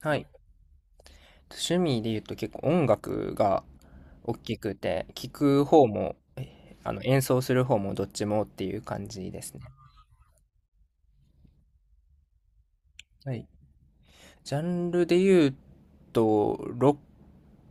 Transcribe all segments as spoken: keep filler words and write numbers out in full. はい。趣味で言うと結構音楽が大きくて、聴く方も、えあの演奏する方もどっちもっていう感じですね。はい。ジャンルで言うと、ロッ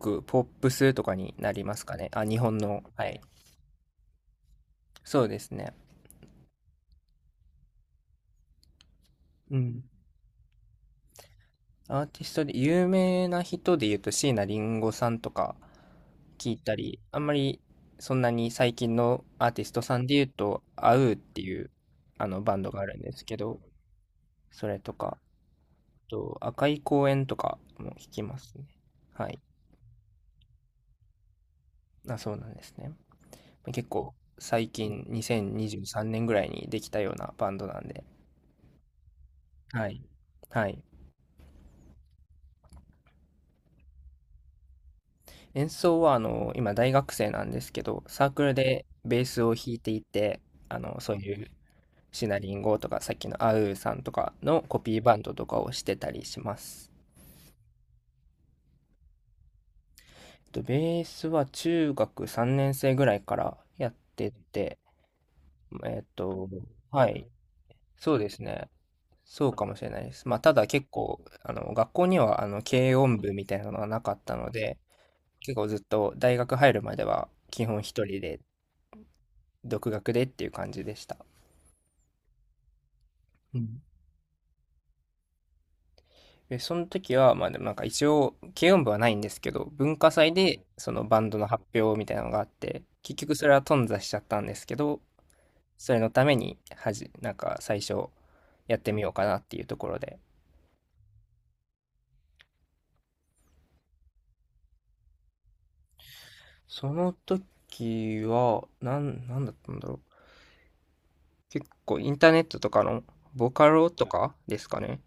ク、ポップスとかになりますかね。あ、日本の。はい。そうですね。うん。アーティストで有名な人で言うと椎名林檎さんとか聞いたり、あんまりそんなに最近のアーティストさんで言うと、アウーっていうあのバンドがあるんですけど、それとか、あと赤い公園とかも聞きますね。はい。あ、そうなんですね。結構最近にせんにじゅうさんねんぐらいにできたようなバンドなんで。はい。はい。演奏はあの、今大学生なんですけど、サークルでベースを弾いていて、あの、そういうシナリンゴとかさっきのアウーさんとかのコピーバンドとかをしてたりします。とベースは中学さんねん生ぐらいからやってて、えっと、はい。そうですね。そうかもしれないです。まあ、ただ結構、あの、学校には、あの、軽音部みたいなのがなかったので、結構ずっと大学入るまでは、基本一人で、独学でっていう感じでした。うん。で、その時は、まあ、でもなんか一応、軽音部はないんですけど、文化祭で、そのバンドの発表みたいなのがあって、結局それは頓挫しちゃったんですけど、それのために、はじ、なんか最初、やってみようかなっていうところで。その時は、なん、なんだったんだろう。結構インターネットとかのボカロとかですかね、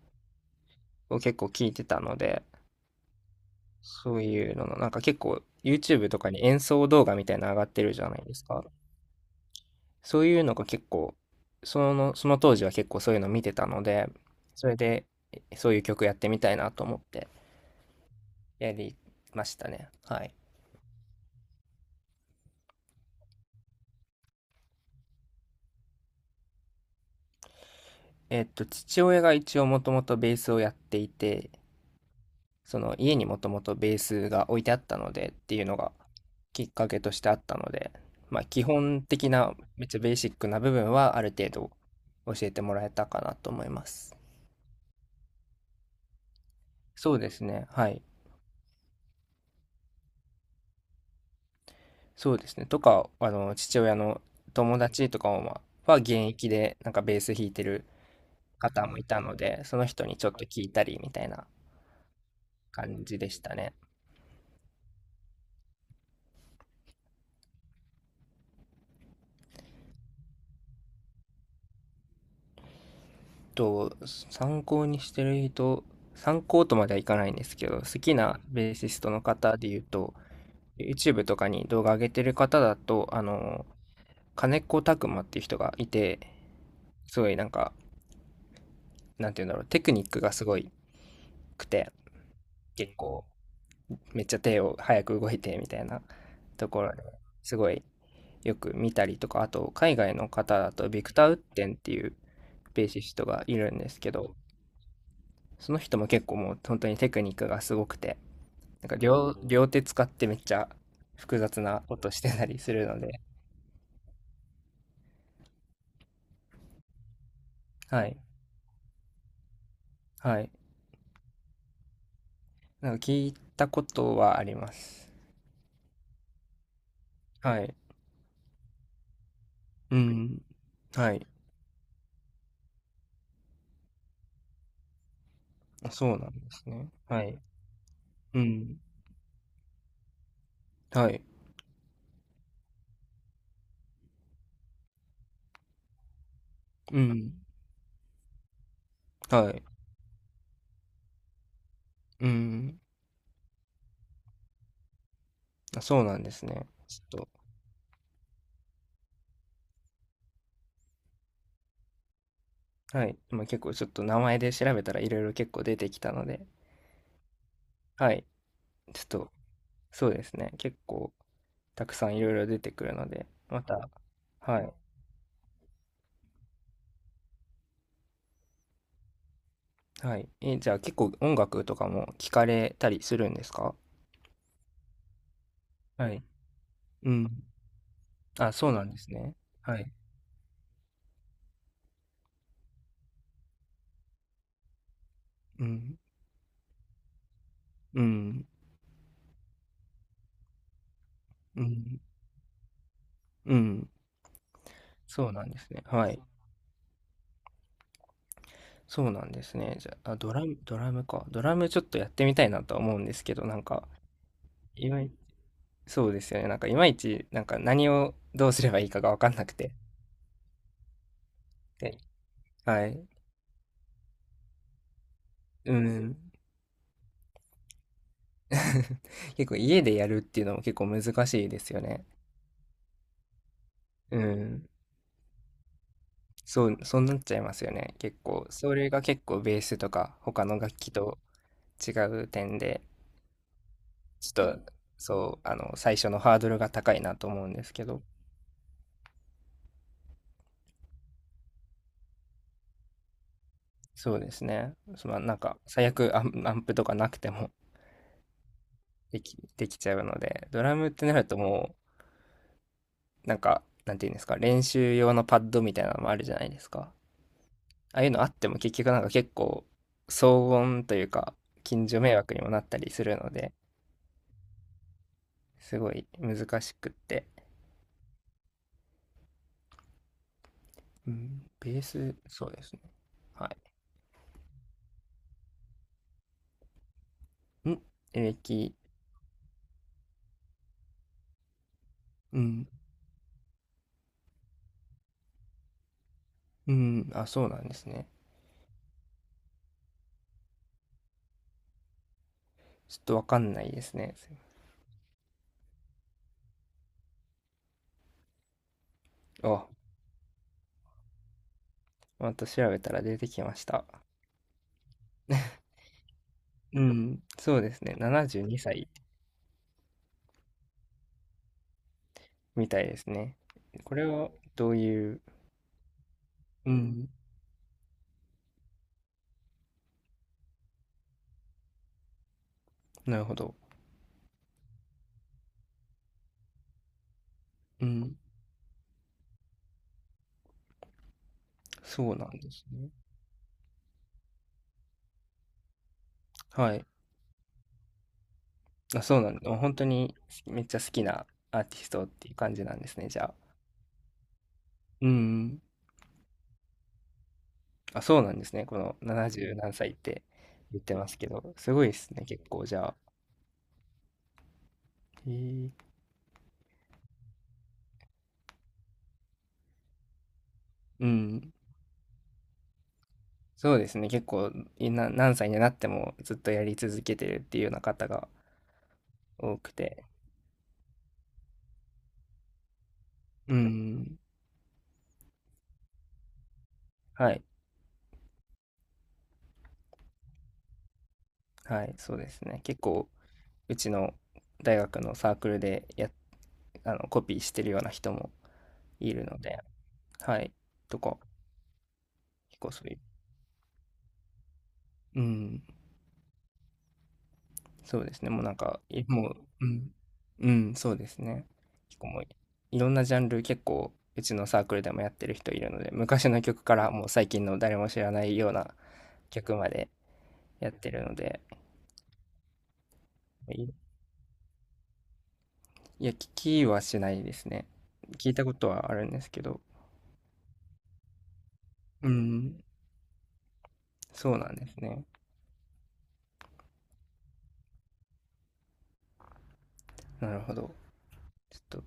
を結構聞いてたので、そういうのの、なんか結構 YouTube とかに演奏動画みたいなの上がってるじゃないですか。そういうのが結構、その、その当時は結構そういうの見てたので、それで、そういう曲やってみたいなと思ってやりましたね。はい。えっと、父親が一応もともとベースをやっていて、その家にもともとベースが置いてあったのでっていうのがきっかけとしてあったので、まあ、基本的なめっちゃベーシックな部分はある程度教えてもらえたかなと思います。そうですね。はい。そうですね。とか、あの、父親の友達とかも、まあは現役でなんかベース弾いてる方もいたので、その人にちょっと聞いたりみたいな感じでしたね。と、参考にしてる人、参考とまではいかないんですけど、好きなベーシストの方で言うと、YouTube とかに動画上げてる方だと、あの、金子拓馬っていう人がいて、すごいなんか、なんて言うんだろう、テクニックがすごいくて、結構、めっちゃ手を早く動いてみたいなところですごいよく見たりとか、あと海外の方だとビクター・ウッテンっていうベーシストがいるんですけど、その人も結構もう本当にテクニックがすごくて、なんか両、両手使ってめっちゃ複雑なことしてたりするので、はい。はい。なんか聞いたことはあります。はい。うん。はい。そうなんですね。はい。うん。はい。うん。はい。うん。あ、そうなんですね。ちょっと、はい。今結構ちょっと名前で調べたらいろいろ結構出てきたので、はい。ちょっと、そうですね。結構たくさんいろいろ出てくるので、また、はい。はい。え、じゃあ結構音楽とかも聞かれたりするんですか？はい。うん。あ、そうなんですね。はい。うん。うん。うん。うん。そうなんですね。はい。そうなんですね。じゃあ、あ、ドラムドラムか。ドラムちょっとやってみたいなとは思うんですけど、なんか、いまいそうですよね。なんかいまいち、なんか何をどうすればいいかが分かんなくて。で、はい。うん。結構家でやるっていうのも結構難しいですよね。うん。そう、そうなっちゃいますよね。結構、それが結構ベースとか他の楽器と違う点で、ちょっと、そう、あの、最初のハードルが高いなと思うんですけど、そうですね。そのなんか、最悪アン、アンプとかなくてもでき、できちゃうので、ドラムってなるともう、なんか、なんていうんですか、練習用のパッドみたいなのもあるじゃないですか。ああいうのあっても結局なんか結構、騒音というか、近所迷惑にもなったりするので、すごい難しくって。うん、ベース、そうですね。はい。ん歴、うん、うん、あ、そうなんですね。ちょっとわかんないですね。まあ、また調べたら出てきました。うん、そうですね。ななじゅうにさいみたいですね。これはどういう、うん、なるほど。うん、そうなんですね。はい。あ、そうなんだ。本当にめっちゃ好きなアーティストっていう感じなんですね、じゃあ。うん。あ、そうなんですね。このななじゅう何歳って言ってますけど、すごいですね、結構じゃあ。へえ。うん。そうですね、結構いな何歳になってもずっとやり続けてるっていうような方が多くて。うん。はい、はい、そうですね。結構うちの大学のサークルでやあの、コピーしてるような人もいるので、はい、とか、結構そういううん。そうですね、もうなんか、いもう、うん、うん、そうですね。結構もう、いろんなジャンル結構うちのサークルでもやってる人いるので、昔の曲からもう最近の誰も知らないような曲までやってるので、いいや、聞きはしないですね。聞いたことはあるんですけど、うん、そうなんですね。なるほど。ちょっと、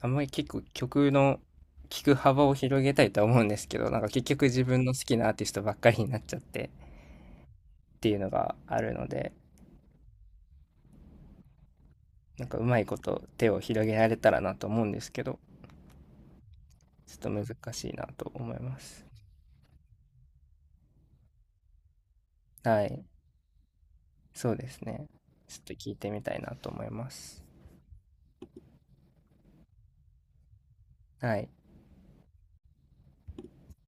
あんまり結構曲の聞く幅を広げたいとは思うんですけど、なんか結局自分の好きなアーティストばっかりになっちゃってっていうのがあるので、なんかうまいこと手を広げられたらなと思うんですけど、ちょっと難しいなと思います。はい。そうですね。ちょっと聞いてみたいなと思います。はい。